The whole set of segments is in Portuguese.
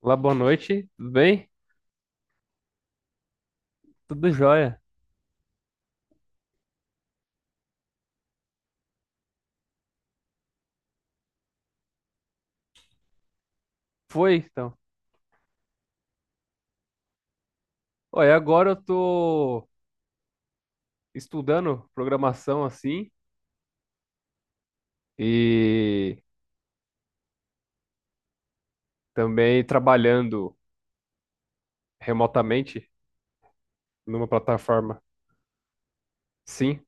Olá, boa noite. Tudo bem? Tudo jóia. Foi, então. Olha, agora eu tô estudando programação assim e também trabalhando remotamente numa plataforma. Sim,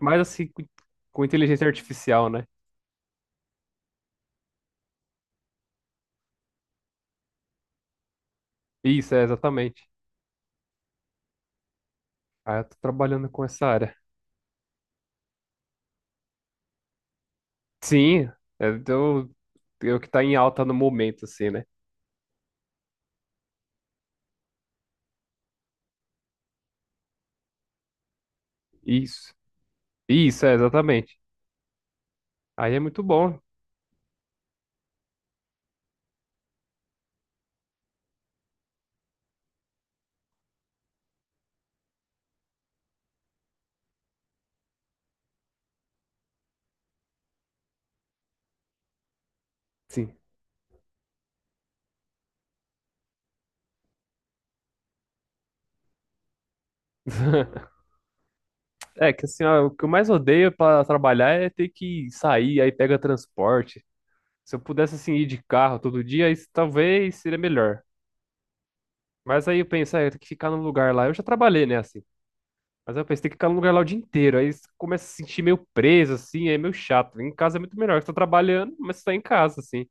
mas assim com inteligência artificial, né? Isso, é exatamente. Ah, eu tô trabalhando com essa área. Sim, é, eu que tá em alta no momento, assim, né? Isso. Isso, é exatamente. Aí é muito bom. Sim. É que assim, ó, o que eu mais odeio pra trabalhar é ter que sair, aí pega transporte. Se eu pudesse assim ir de carro todo dia, isso talvez seria melhor. Mas aí eu penso, ah, eu tenho que ficar num lugar lá. Eu já trabalhei, né, assim. Mas aí eu pensei, tem que ficar num lugar lá o dia inteiro. Aí você começa a se sentir meio preso, assim, aí é meio chato. Em casa é muito melhor, você tá trabalhando, mas você tá em casa, assim.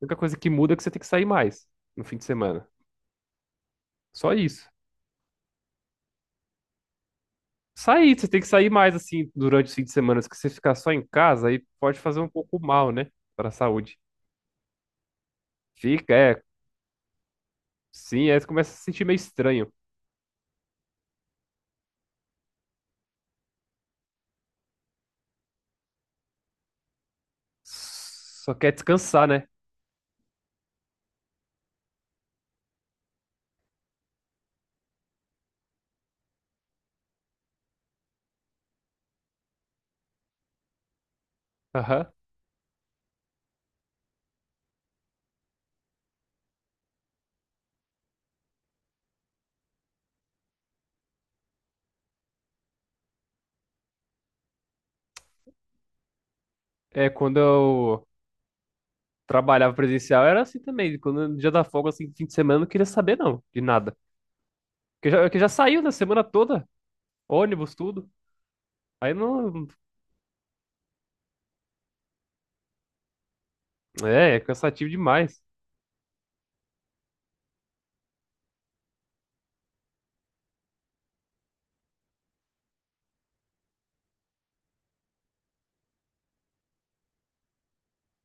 A única coisa que muda é que você tem que sair mais no fim de semana. Só isso. Sair, você tem que sair mais, assim, durante o fim de semana. Se você ficar só em casa, aí pode fazer um pouco mal, né, para a saúde. Fica, é. Sim, aí você começa a se sentir meio estranho. Só quer descansar, né? Aham. É, quando eu trabalhava presencial era assim também. Quando no dia da folga, assim, fim de semana, eu não queria saber, não, de nada. Porque já saiu na semana toda, ônibus, tudo. Aí não. É cansativo demais.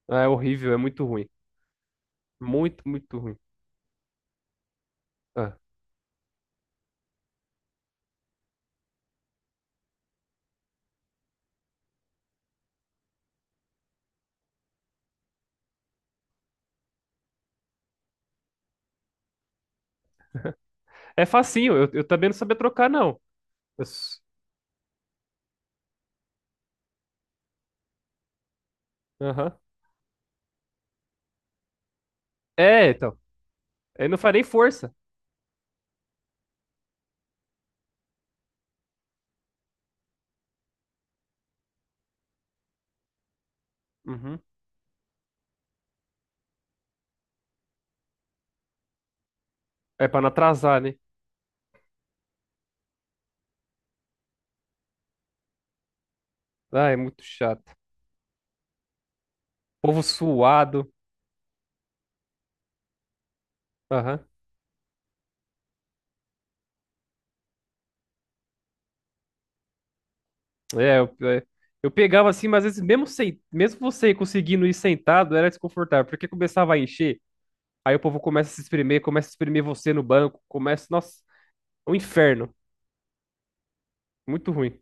É horrível, é muito ruim. Muito, muito ruim. Ah. É facinho, eu também não sabia trocar, não. Eu s- Aham. É, então. Aí não faz nem força. Uhum. É pra não atrasar, né? Ah, é muito chato. Povo suado. Aham. É, eu, é, eu pegava assim, mas às vezes, mesmo, sem, mesmo você conseguindo ir sentado, era desconfortável, porque começava a encher, aí o povo começa a se espremer, começa a espremer você no banco, começa. Nossa, é um inferno. Muito ruim.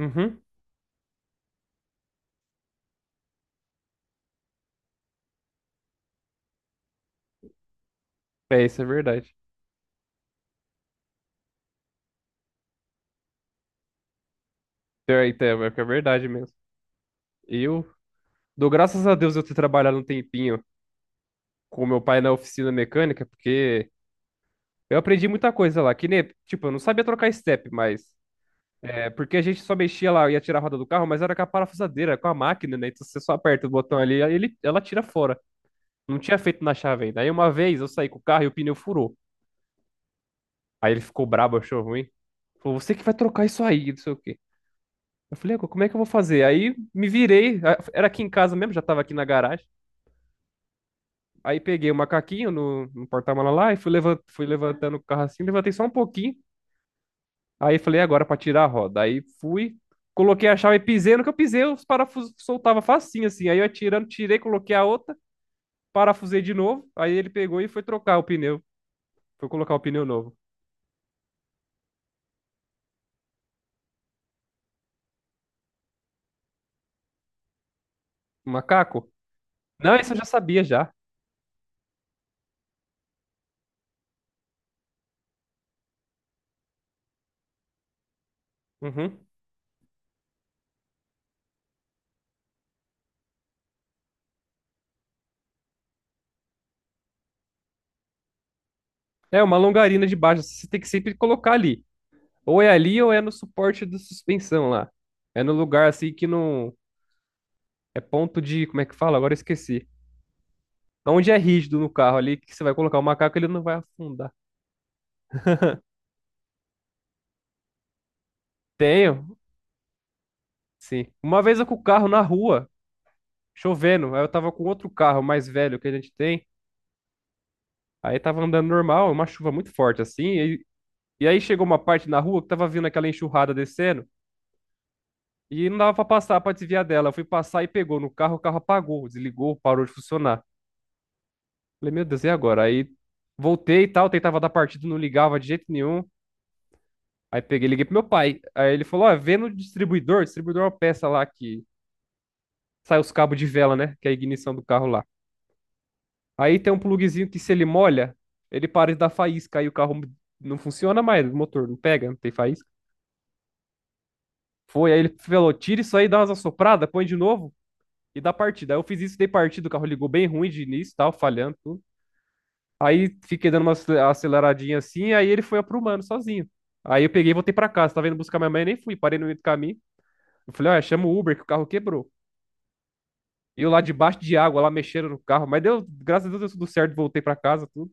Uhum. É, isso é verdade. É, então, é que é verdade mesmo. Eu dou graças a Deus eu ter trabalhado um tempinho com meu pai na oficina mecânica, porque eu aprendi muita coisa lá, que nem, tipo, eu não sabia trocar step, mas. É, porque a gente só mexia lá, ia tirar a roda do carro, mas era com a parafusadeira, com a máquina, né? Então você só aperta o botão ali, aí ele, ela tira fora. Não tinha feito na chave ainda. Aí uma vez eu saí com o carro e o pneu furou. Aí ele ficou brabo, achou ruim. Falou, você que vai trocar isso aí, não sei o quê. Eu falei, "Agora, como é que eu vou fazer? Aí me virei, era aqui em casa mesmo, já tava aqui na garagem. Aí peguei o macaquinho no porta-mala lá e fui levantando o carro assim, levantei só um pouquinho. Aí falei, agora pra tirar a roda. Aí fui, coloquei a chave e pisei no que eu pisei, os parafusos soltavam facinho assim. Aí eu tirei, coloquei a outra, parafusei de novo. Aí ele pegou e foi trocar o pneu. Foi colocar o pneu novo. Macaco? Não, isso eu já sabia já. Uhum. É uma longarina de baixo, você tem que sempre colocar ali. Ou é ali ou é no suporte da suspensão lá. É no lugar assim que não. É ponto de. Como é que fala? Agora eu esqueci. Onde é rígido no carro ali, que você vai colocar o macaco, ele não vai afundar. Tenho, sim. Uma vez eu com o carro na rua, chovendo. Aí eu tava com outro carro mais velho que a gente tem. Aí tava andando normal, uma chuva muito forte assim. E aí chegou uma parte na rua que tava vindo aquela enxurrada descendo. E não dava pra passar, pra desviar dela. Eu fui passar e pegou no carro, o carro apagou, desligou, parou de funcionar. Falei, meu Deus, e agora? Aí voltei e tal, tentava dar partida, não ligava de jeito nenhum. Aí peguei, e liguei pro meu pai. Aí ele falou: Ó, vê no distribuidor, distribuidor é uma peça lá que sai os cabos de vela, né? Que é a ignição do carro lá. Aí tem um pluguezinho que se ele molha, ele para de dar faísca, aí o carro não funciona mais, o motor não pega, não tem faísca. Foi, aí ele falou, tira isso aí, dá umas assopradas, põe de novo e dá partida. Aí eu fiz isso, dei partida, o carro ligou bem ruim de início, tal, falhando, tudo. Aí fiquei dando uma aceleradinha assim, aí ele foi aprumando sozinho. Aí eu peguei e voltei pra casa, tava indo buscar minha mãe, nem fui, parei no meio do caminho. Eu falei, olha, chama o Uber que o carro quebrou. E eu lá debaixo de água, lá mexendo no carro, mas deu, graças a Deus deu tudo certo, voltei pra casa, tudo.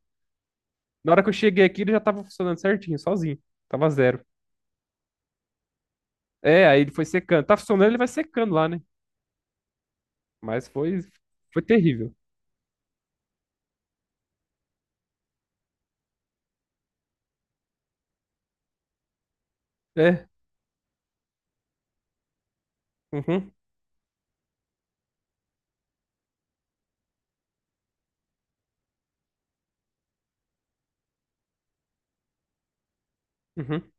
Na hora que eu cheguei aqui, ele já tava funcionando certinho, sozinho. Tava zero. É, aí ele foi secando. Tá funcionando, ele vai secando lá, né? Mas foi terrível. É. Uhum, uhum.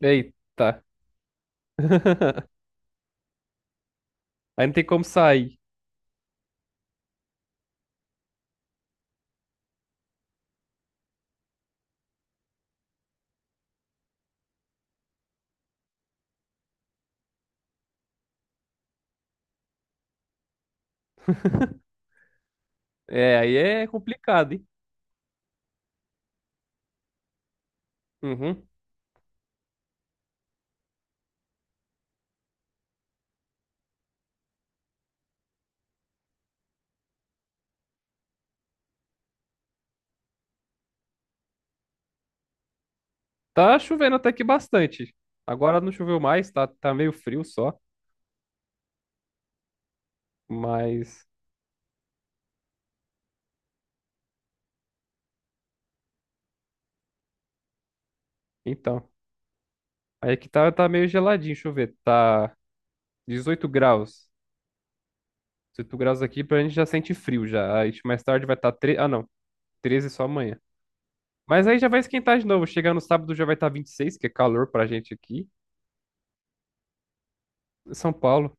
Eita. Aí não tem como sair. É, aí é complicado, hein? Uhum. Tá chovendo até que bastante. Agora não choveu mais, tá, tá, meio frio só. Mas, então. Aí aqui tá meio geladinho, deixa eu ver. Tá 18 graus. 18 graus aqui pra gente já sente frio já. Aí mais tarde vai estar tá 3. Ah, não. 13 só amanhã. Mas aí já vai esquentar de novo. Chegar no sábado já vai estar 26, que é calor pra gente aqui. São Paulo.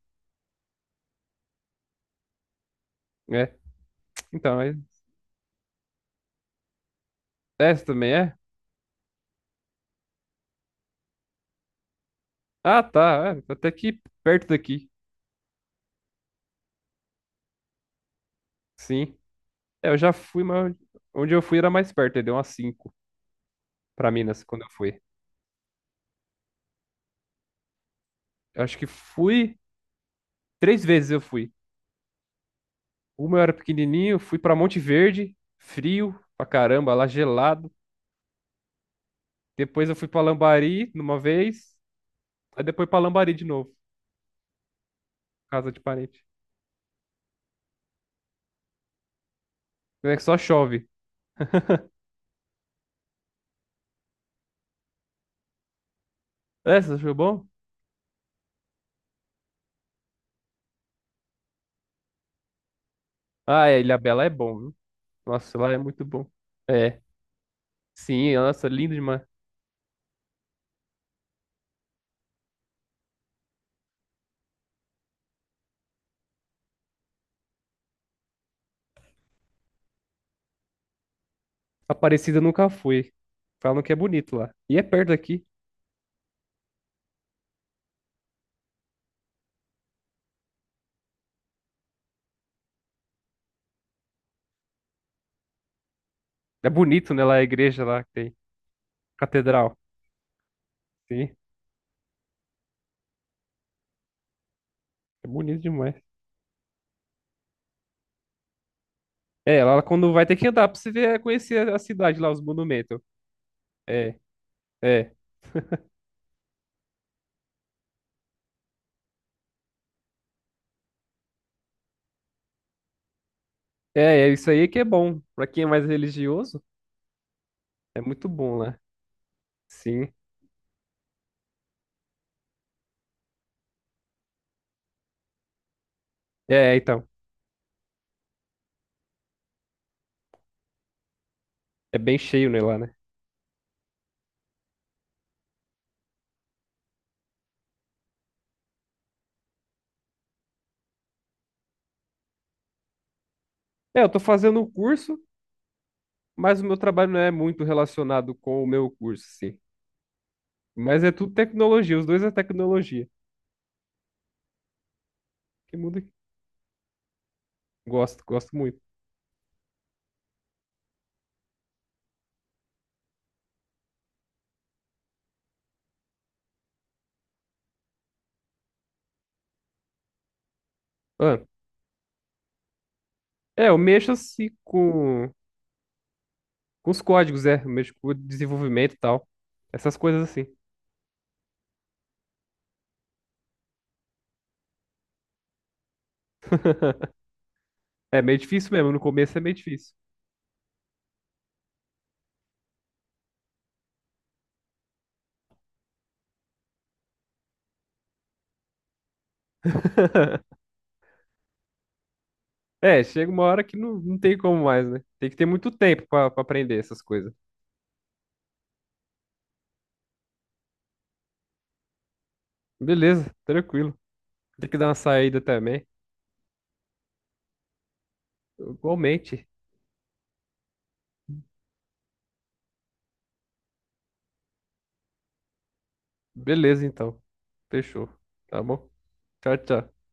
É. Então, é. Essa também é? Ah, tá. É, até aqui perto daqui. Sim. É, eu já fui, mas onde eu fui era mais perto. Aí deu umas 5 pra Minas quando eu fui. Eu acho que fui. Três vezes eu fui. Uma eu era pequenininho, fui pra Monte Verde, frio pra caramba, lá gelado. Depois eu fui pra Lambari numa vez. Aí depois pra Lambari de novo, casa de parente. É que só chove. É, você achou bom? Ah, é, Ilhabela é bom, viu? Nossa, lá é muito bom. É, sim, nossa, lindo demais. Aparecida eu nunca fui. Falam que é bonito lá. E é perto daqui. É bonito, né? Lá a igreja lá que tem. Catedral. Sim, é bonito demais. É, lá quando vai ter que andar pra você ver, conhecer a cidade lá, os monumentos. É, é. É, é isso aí que é bom. Pra quem é mais religioso, é muito bom lá. Sim. É, então. É bem cheio, né, lá, né? É, eu tô fazendo um curso. Mas o meu trabalho não é muito relacionado com o meu curso, sim. Mas é tudo tecnologia, os dois é tecnologia. Que mundo que- Gosto, gosto muito. Ah, é, eu mexo assim com os códigos, é. Eu mexo com o desenvolvimento e tal. Essas coisas assim. É meio difícil mesmo, no começo é meio difícil. É, chega uma hora que não tem como mais, né? Tem que ter muito tempo pra aprender essas coisas. Beleza, tranquilo. Tem que dar uma saída também. Igualmente. Beleza, então. Fechou. Tá bom? Tchau, tchau.